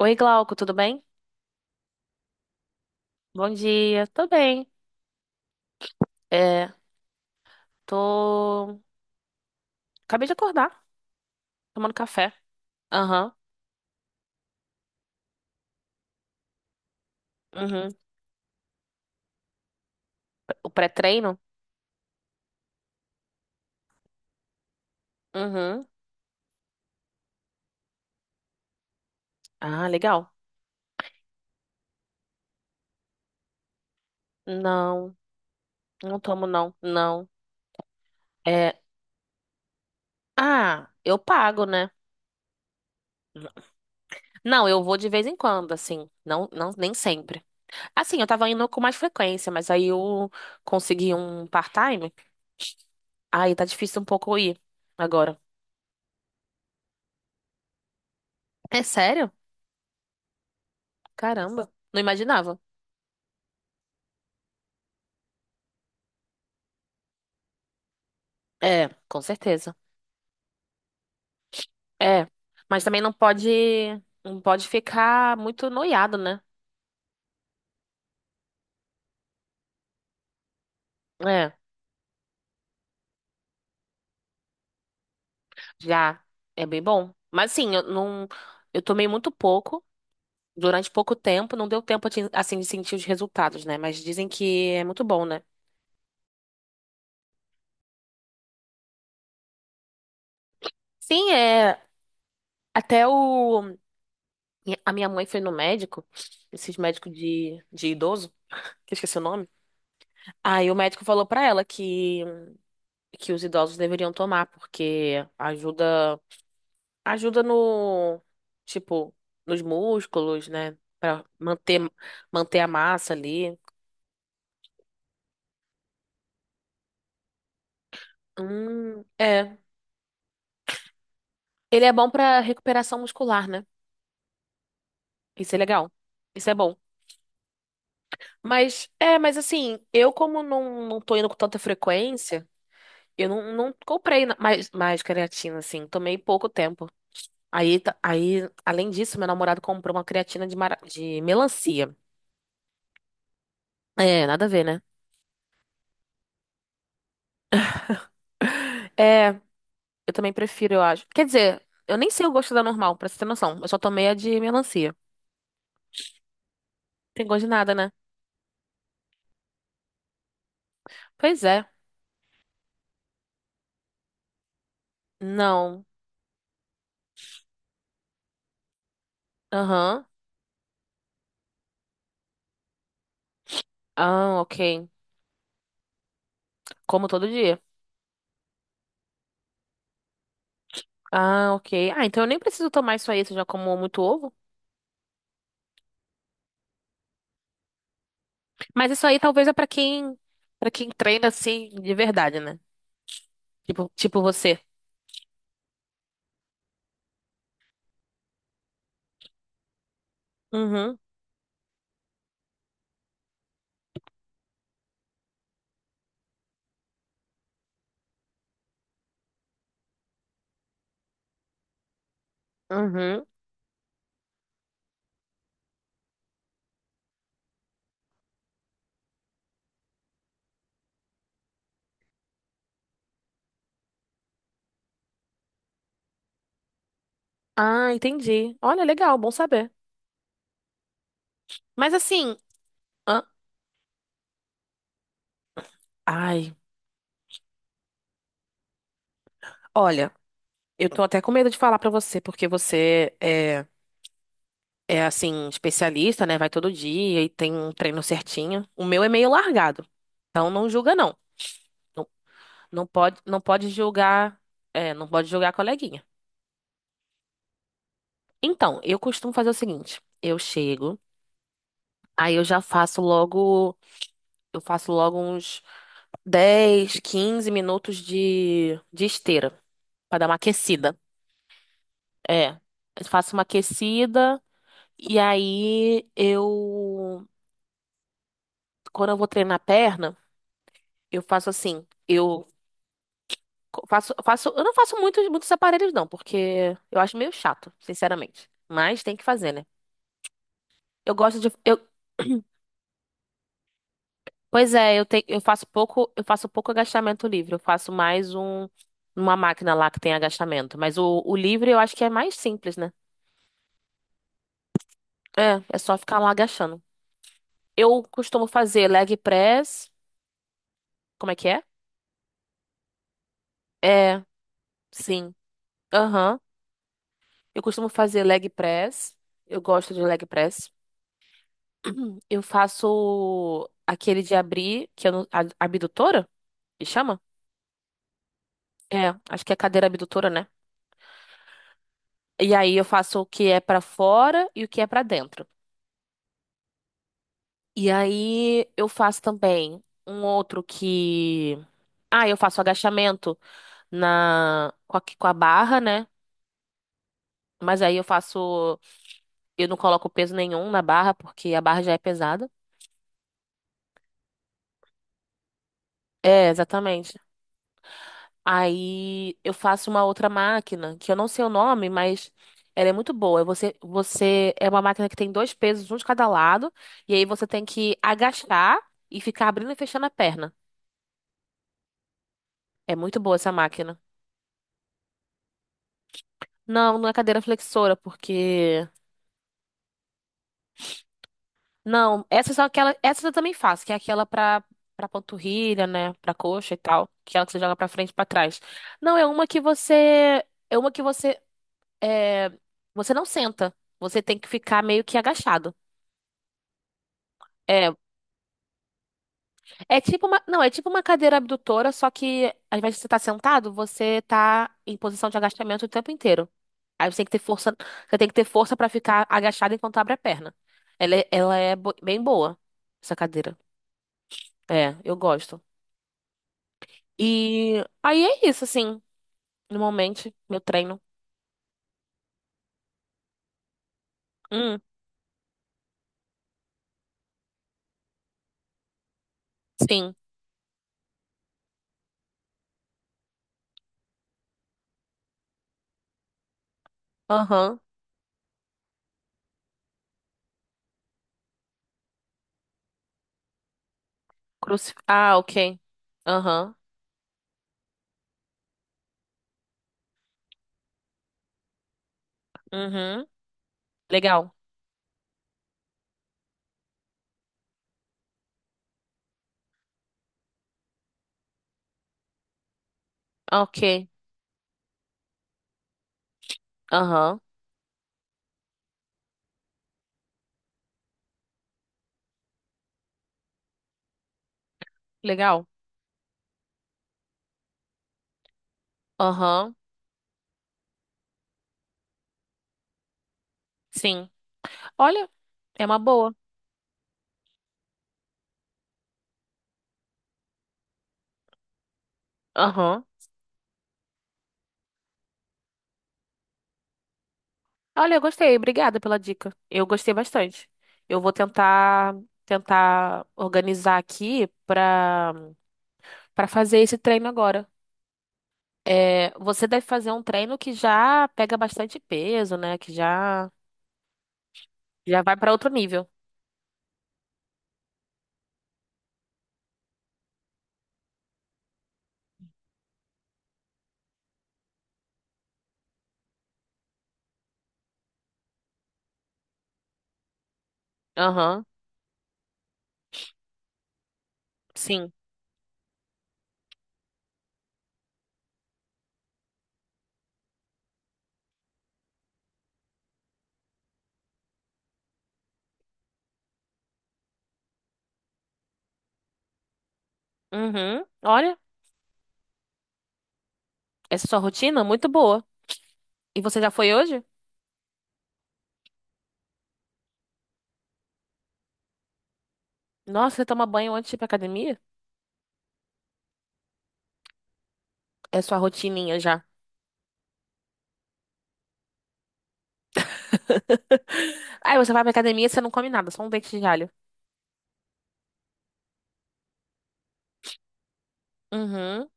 Oi, Glauco, tudo bem? Bom dia, tô bem. É, tô. Acabei de acordar, tomando café. Aham, uhum. O pré-treino? Uhum. Ah, legal. Não, não tomo, não, não. É. Ah, eu pago, né? Não, eu vou de vez em quando, assim. Não, não, nem sempre. Assim, eu tava indo com mais frequência, mas aí eu consegui um part-time. Aí tá difícil um pouco ir agora. É sério? Caramba, não imaginava. É, com certeza. É, mas também não pode ficar muito noiado, né? É, já é bem bom. Mas sim, eu não, eu tomei muito pouco, durante pouco tempo, não deu tempo de, assim, de sentir os resultados, né? Mas dizem que é muito bom, né? Sim, é, até o a minha mãe foi no médico, esses médicos de idoso, que eu esqueci o nome. Aí o médico falou pra ela que os idosos deveriam tomar porque ajuda no, tipo, nos músculos, né? Pra manter a massa ali. É. Ele é bom pra recuperação muscular, né? Isso é legal. Isso é bom. Mas, é, mas assim, eu como não tô indo com tanta frequência, eu não comprei mais creatina, assim. Tomei pouco tempo. Aí, além disso, meu namorado comprou uma creatina de melancia. É, nada a ver, né? É. Eu também prefiro, eu acho. Quer dizer, eu nem sei o gosto da normal, pra você ter noção. Eu só tomei a de melancia. Tem gosto de nada, né? Pois é. Não. Aham. Ah, ok. Como todo dia. Ah, ok. Ah, então eu nem preciso tomar isso aí, se eu já como muito ovo. Mas isso aí talvez é para quem treina assim de verdade, né? Tipo você. Uhum. Uhum. Ah, entendi. Olha, legal, bom saber. Mas assim, hã? Ai, olha, eu tô até com medo de falar pra você, porque você é assim, especialista, né? Vai todo dia e tem um treino certinho. O meu é meio largado. Então não julga, não. Não, não pode julgar, é, não pode julgar a coleguinha. Então, eu costumo fazer o seguinte: eu chego, aí eu já faço logo, eu faço logo uns 10, 15 minutos de esteira pra dar uma aquecida. É. Eu faço uma aquecida e aí eu, quando eu vou treinar a perna, eu faço assim. Eu não faço muitos aparelhos, não, porque eu acho meio chato, sinceramente. Mas tem que fazer, né? Eu gosto de. Pois é, eu faço pouco agachamento livre. Eu faço mais uma máquina lá que tem agachamento. Mas o livre eu acho que é mais simples, né? É, é só ficar lá agachando. Eu costumo fazer leg press. Como é que é? É, sim. Aham. Eu costumo fazer leg press. Eu gosto de leg press. Eu faço aquele de abrir, que eu não, a- abdutora, que chama? É, acho que é cadeira abdutora, né? E aí eu faço o que é pra fora e o que é pra dentro. E aí eu faço também um outro eu faço agachamento com a barra, né? Mas aí eu não coloco peso nenhum na barra porque a barra já é pesada. É, exatamente. Aí eu faço uma outra máquina, que eu não sei o nome, mas ela é muito boa. Você é uma máquina que tem dois pesos, um de cada lado, e aí você tem que agachar e ficar abrindo e fechando a perna. É muito boa essa máquina. Não, não é cadeira flexora, porque não, essa eu também faço, que é aquela pra para panturrilha, né, pra coxa e tal, que é ela que você joga pra frente e pra trás. Não, é uma que você é, você não senta. Você tem que ficar meio que agachado. É, não, é tipo uma cadeira abdutora, só que ao invés de você estar sentado, você tá em posição de agachamento o tempo inteiro. Aí você tem que ter força para ficar agachado enquanto abre a perna. Ela é bem boa, essa cadeira. É, eu gosto. E aí é isso, assim, normalmente, meu treino. Hum, sim. Aham. Ah, ok. Aham. Uhum. Legal. Ok. Aham. Legal. Aham. Sim. Olha, é uma boa. Aham. Olha, eu gostei. Obrigada pela dica. Eu gostei bastante. Eu vou tentar organizar aqui pra para fazer esse treino agora. É, você deve fazer um treino que já pega bastante peso, né? Que já vai pra outro nível. Aham. Sim. Uhum. Olha, essa é sua rotina é muito boa. E você já foi hoje? Nossa, você toma banho antes de ir pra academia? É sua rotininha já. Aí você vai pra academia e você não come nada, só um dente de alho. Uhum.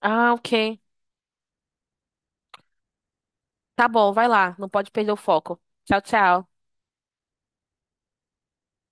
Ah, ok. Tá bom, vai lá. Não pode perder o foco. Tchau, tchau.